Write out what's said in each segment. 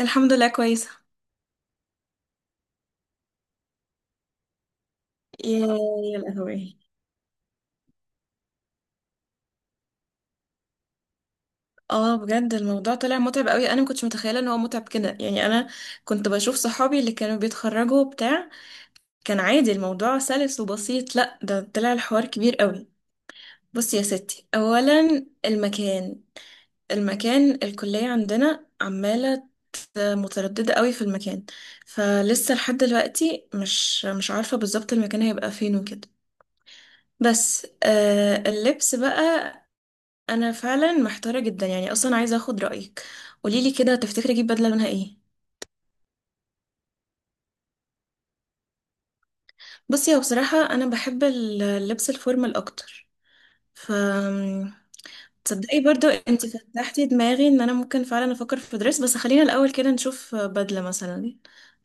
الحمد لله كويسة، يا يا لهوي. اه، بجد الموضوع طلع متعب قوي. انا ما كنتش متخيله ان هو متعب كده. يعني انا كنت بشوف صحابي اللي كانوا بيتخرجوا بتاع، كان عادي الموضوع سلس وبسيط. لا ده طلع الحوار كبير قوي. بصي يا ستي، اولا المكان الكليه عندنا عماله متردده قوي في المكان. فلسه لحد دلوقتي مش عارفه بالظبط المكان هيبقى فين وكده. بس آه، اللبس بقى انا فعلا محتاره جدا. يعني اصلا عايزه اخد رايك. قوليلي كده، تفتكري اجيب بدله لونها ايه؟ بصي هو بصراحه انا بحب اللبس الفورمال اكتر. ف تصدقي برضو انت فتحتي دماغي ان انا ممكن فعلا افكر في دريس، بس خلينا الاول كده نشوف بدله مثلا،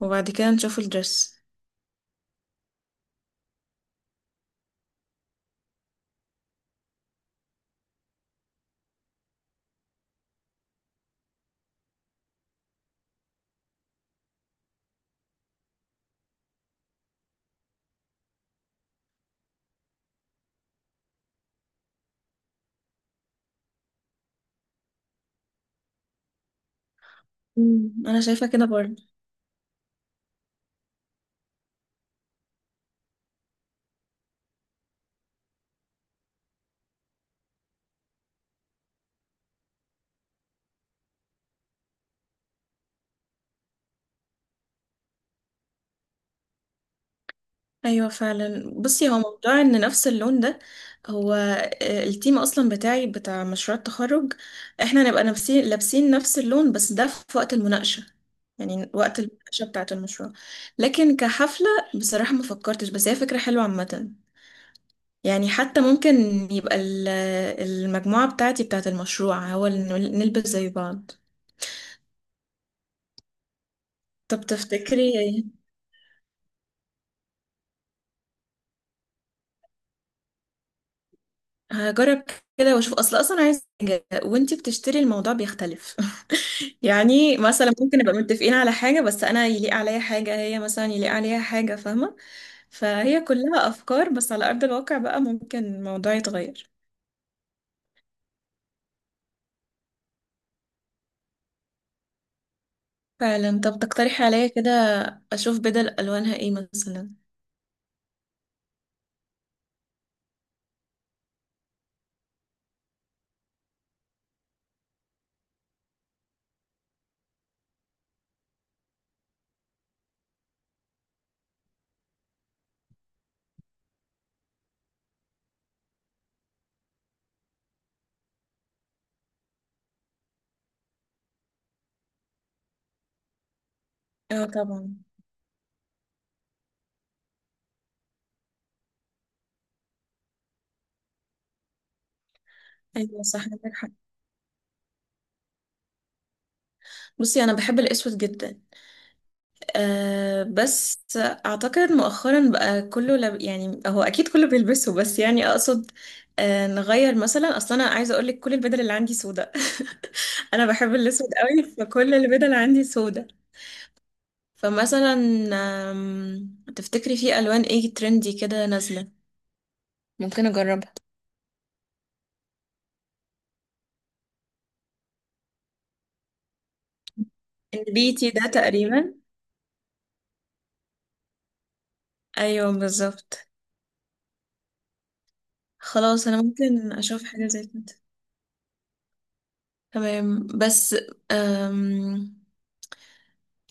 وبعد كده نشوف الدريس. انا شايفه كده برضو. ايوه فعلا. بصي هو موضوع ان نفس اللون ده، هو التيم اصلا بتاعي بتاع مشروع التخرج، احنا نبقى نفسي لابسين نفس اللون، بس ده في وقت المناقشه، يعني وقت المناقشه بتاعه المشروع. لكن كحفله، بصراحه ما فكرتش، بس هي فكره حلوه عامه. يعني حتى ممكن يبقى ال- المجموعه بتاعتي بتاعه المشروع هو اللي نلبس زي بعض. طب تفتكري، هجرب كده واشوف، اصلا عايز حاجة، وانتي بتشتري الموضوع بيختلف. يعني مثلا ممكن نبقى متفقين على حاجة، بس انا يليق عليا حاجة، هي مثلا يليق عليها حاجة، فاهمة؟ فهي كلها افكار، بس على ارض الواقع بقى ممكن الموضوع يتغير. فعلا. طب تقترحي عليا كده، اشوف بدل الوانها ايه مثلا. اه طبعا. ايوه صح، عندك حق. بصي انا بحب الاسود جدا. أه بس أعتقد مؤخرا بقى يعني هو أكيد كله بيلبسه، بس يعني أقصد أه نغير مثلا. أصلا أنا عايزة أقولك كل البدل اللي عندي سودة. أنا بحب الأسود قوي، فكل البدل عندي سودة. فمثلا، تفتكري في ألوان إيه ترندي كده نازلة؟ ممكن اجربها. البيتي ده تقريبا؟ أيوه بالظبط. خلاص أنا ممكن أشوف حاجة زي كده. تمام. بس أم...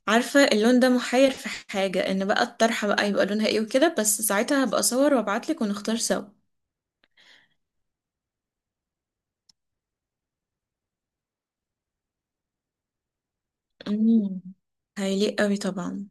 عارفة اللون ده محير في حاجة، ان بقى الطرحة بقى يبقى لونها ايه وكده، بس ساعتها هبقى اصور وابعتلك ونختار سوا. امم هيليق قوي طبعا.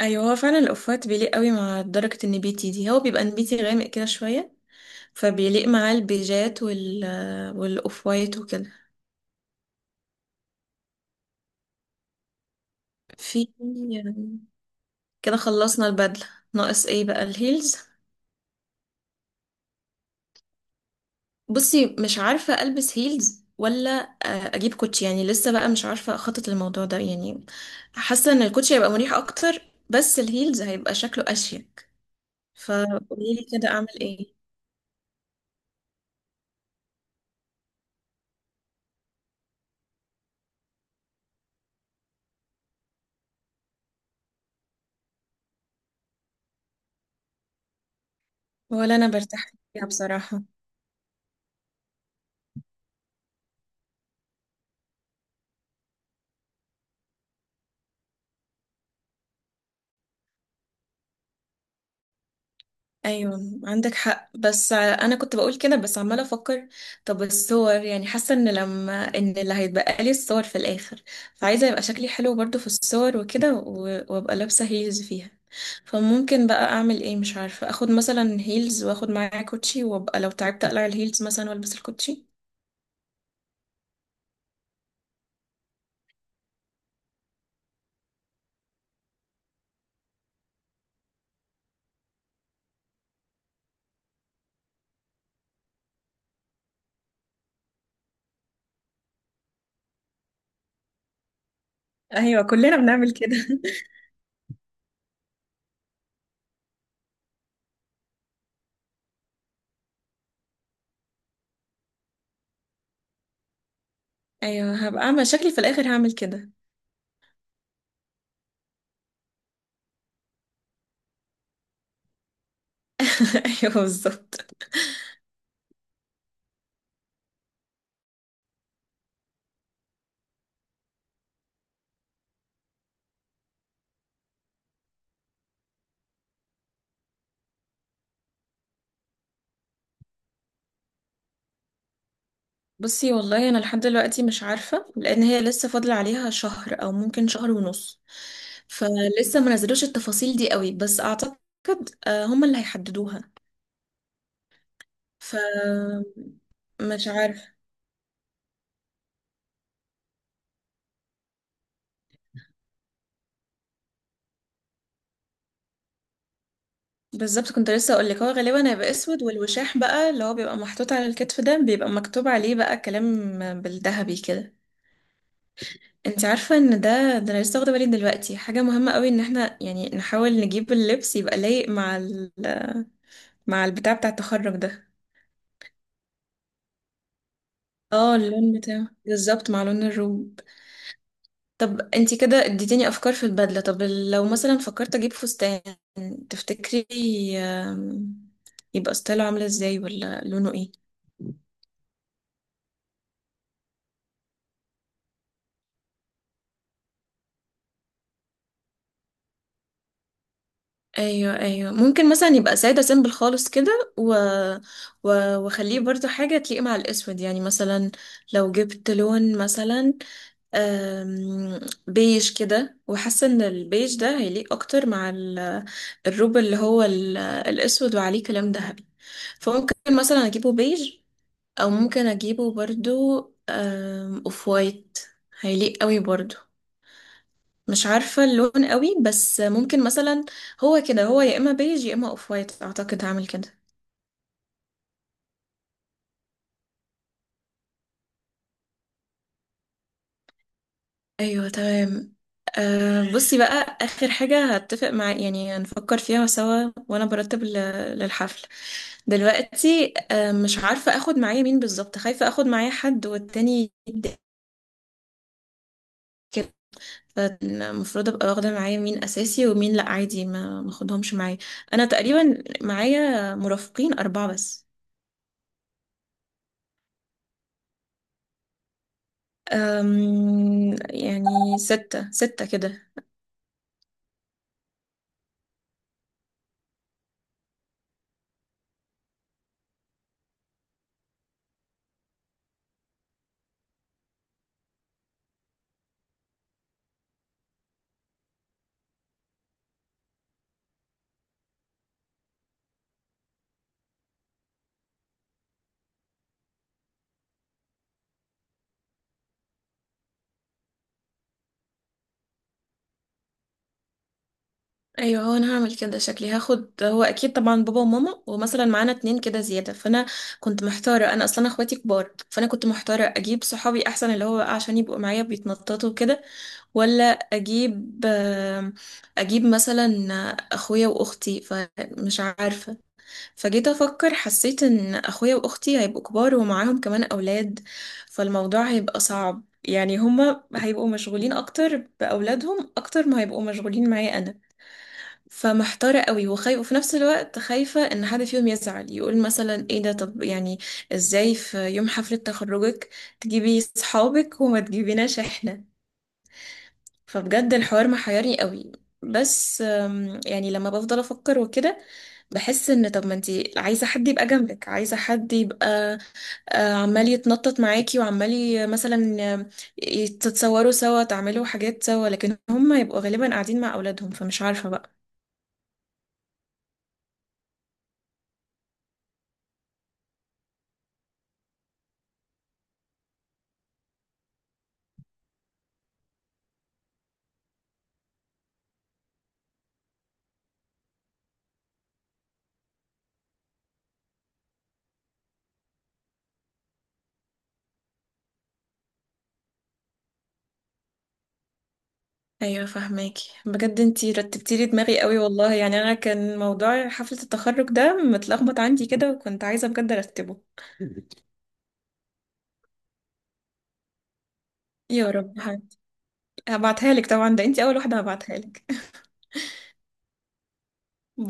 ايوه هو فعلا الاوفات بيليق قوي مع درجة النبيتي دي، هو بيبقى نبيتي غامق كده شوية. فبيليق معاه البيجات والاوف وايت وكده. في كده خلصنا البدلة، ناقص ايه بقى؟ الهيلز. بصي مش عارفة ألبس هيلز، ولا أجيب كوتشي؟ يعني لسه بقى مش عارفة أخطط للموضوع ده. يعني حاسة إن الكوتشي هيبقى مريح أكتر، بس الهيلز هيبقى شكله أشيك. فقوليلي كده، أعمل إيه؟ ولا أنا برتاح فيها بصراحة. ايوه عندك حق، بس انا كنت بقول كده بس عماله افكر. طب الصور، يعني حاسه ان لما ان اللي هيتبقى لي الصور في الاخر، فعايزه يبقى شكلي حلو برضو في الصور وكده، وابقى لابسه هيلز فيها. فممكن بقى اعمل ايه؟ مش عارفه. اخد مثلا هيلز واخد معايا كوتشي، وابقى لو تعبت اقلع الهيلز مثلا والبس الكوتشي. ايوه كلنا بنعمل كده. ايوه هبقى اعمل شكلي في الاخر، هعمل كده. ايوه بالظبط. بصي والله انا لحد دلوقتي مش عارفه، لان هي لسه فاضل عليها شهر او ممكن شهر ونص. فلسه ما نزلوش التفاصيل دي قوي، بس اعتقد هم اللي هيحددوها. فمش عارفه بالظبط. كنت لسه اقول لك هو غالبا هيبقى اسود، والوشاح بقى اللي هو بيبقى محطوط على الكتف ده بيبقى مكتوب عليه بقى كلام بالذهبي كده. انت عارفه ان ده انا لسه واخده بالي دلوقتي، حاجه مهمه قوي، ان احنا يعني نحاول نجيب اللبس يبقى لايق مع ال... مع البتاع بتاع التخرج ده. اه اللون بتاعه بالظبط مع لون الروب. طب انتي كده اديتيني افكار في البدله. طب لو مثلا فكرت اجيب فستان، تفتكري آم، يبقى ستايله عامل ازاي ولا لونه ايه؟ ايوه ايوه ممكن مثلا يبقى ساده سيمبل خالص كده، و... و... واخليه برضو حاجه تليق مع الاسود. يعني مثلا لو جبت لون مثلا آم، بيج كده، وحاسه ان البيج ده هيليق اكتر مع الروب اللي هو الاسود وعليه كلام ذهبي. فممكن مثلا اجيبه بيج، او ممكن اجيبه برضو اوف وايت، هيليق قوي برضو. مش عارفه اللون قوي، بس ممكن مثلا هو كده، هو يا اما بيج يا اما اوف وايت، اعتقد هعمل كده. ايوه تمام. أه بصي بقى اخر حاجه هتفق مع، يعني هنفكر فيها سوا، وانا برتب للحفل. دلوقتي أه مش عارفه اخد معايا مين بالظبط، خايفه اخد معايا حد والتاني يتضايق كده. فالمفروض ابقى واخده معايا مين اساسي ومين لا عادي ما ماخدهمش معايا. انا تقريبا معايا مرافقين اربعه بس. أم يعني ستة ستة كده. ايوه هو انا هعمل كده، شكلي هاخد، هو اكيد طبعا بابا وماما ومثلا معانا اتنين كده زياده. فانا كنت محتاره، انا اصلا أنا اخواتي كبار، فانا كنت محتاره اجيب صحابي احسن، اللي هو عشان يبقوا معايا بيتنططوا كده، ولا اجيب اجيب مثلا اخويا واختي، فمش عارفه. فجيت افكر، حسيت ان اخويا واختي هيبقوا كبار ومعاهم كمان اولاد، فالموضوع هيبقى صعب. يعني هما هيبقوا مشغولين اكتر باولادهم اكتر ما هيبقوا مشغولين معايا انا. فمحتارة قوي وخايفة، وفي نفس الوقت خايفة ان حد فيهم يزعل، يقول مثلا ايه ده؟ طب يعني ازاي في يوم حفلة تخرجك تجيبي صحابك وما تجيبيناش احنا؟ فبجد الحوار محيرني قوي. بس يعني لما بفضل افكر وكده، بحس ان، طب ما انتي عايزة حد يبقى جنبك، عايزة حد يبقى عمال يتنطط معاكي، وعمال مثلا تتصوروا سوا، تعملوا حاجات سوا، لكن هم يبقوا غالبا قاعدين مع اولادهم، فمش عارفة بقى. ايوه فهماكي بجد، انتي رتبتي لي دماغي قوي والله. يعني انا كان موضوع حفلة التخرج ده متلخبط عندي كده، وكنت عايزة بجد ارتبه. يا رب، هبعتها لك طبعا، ده انتي اول واحدة هبعتها لك.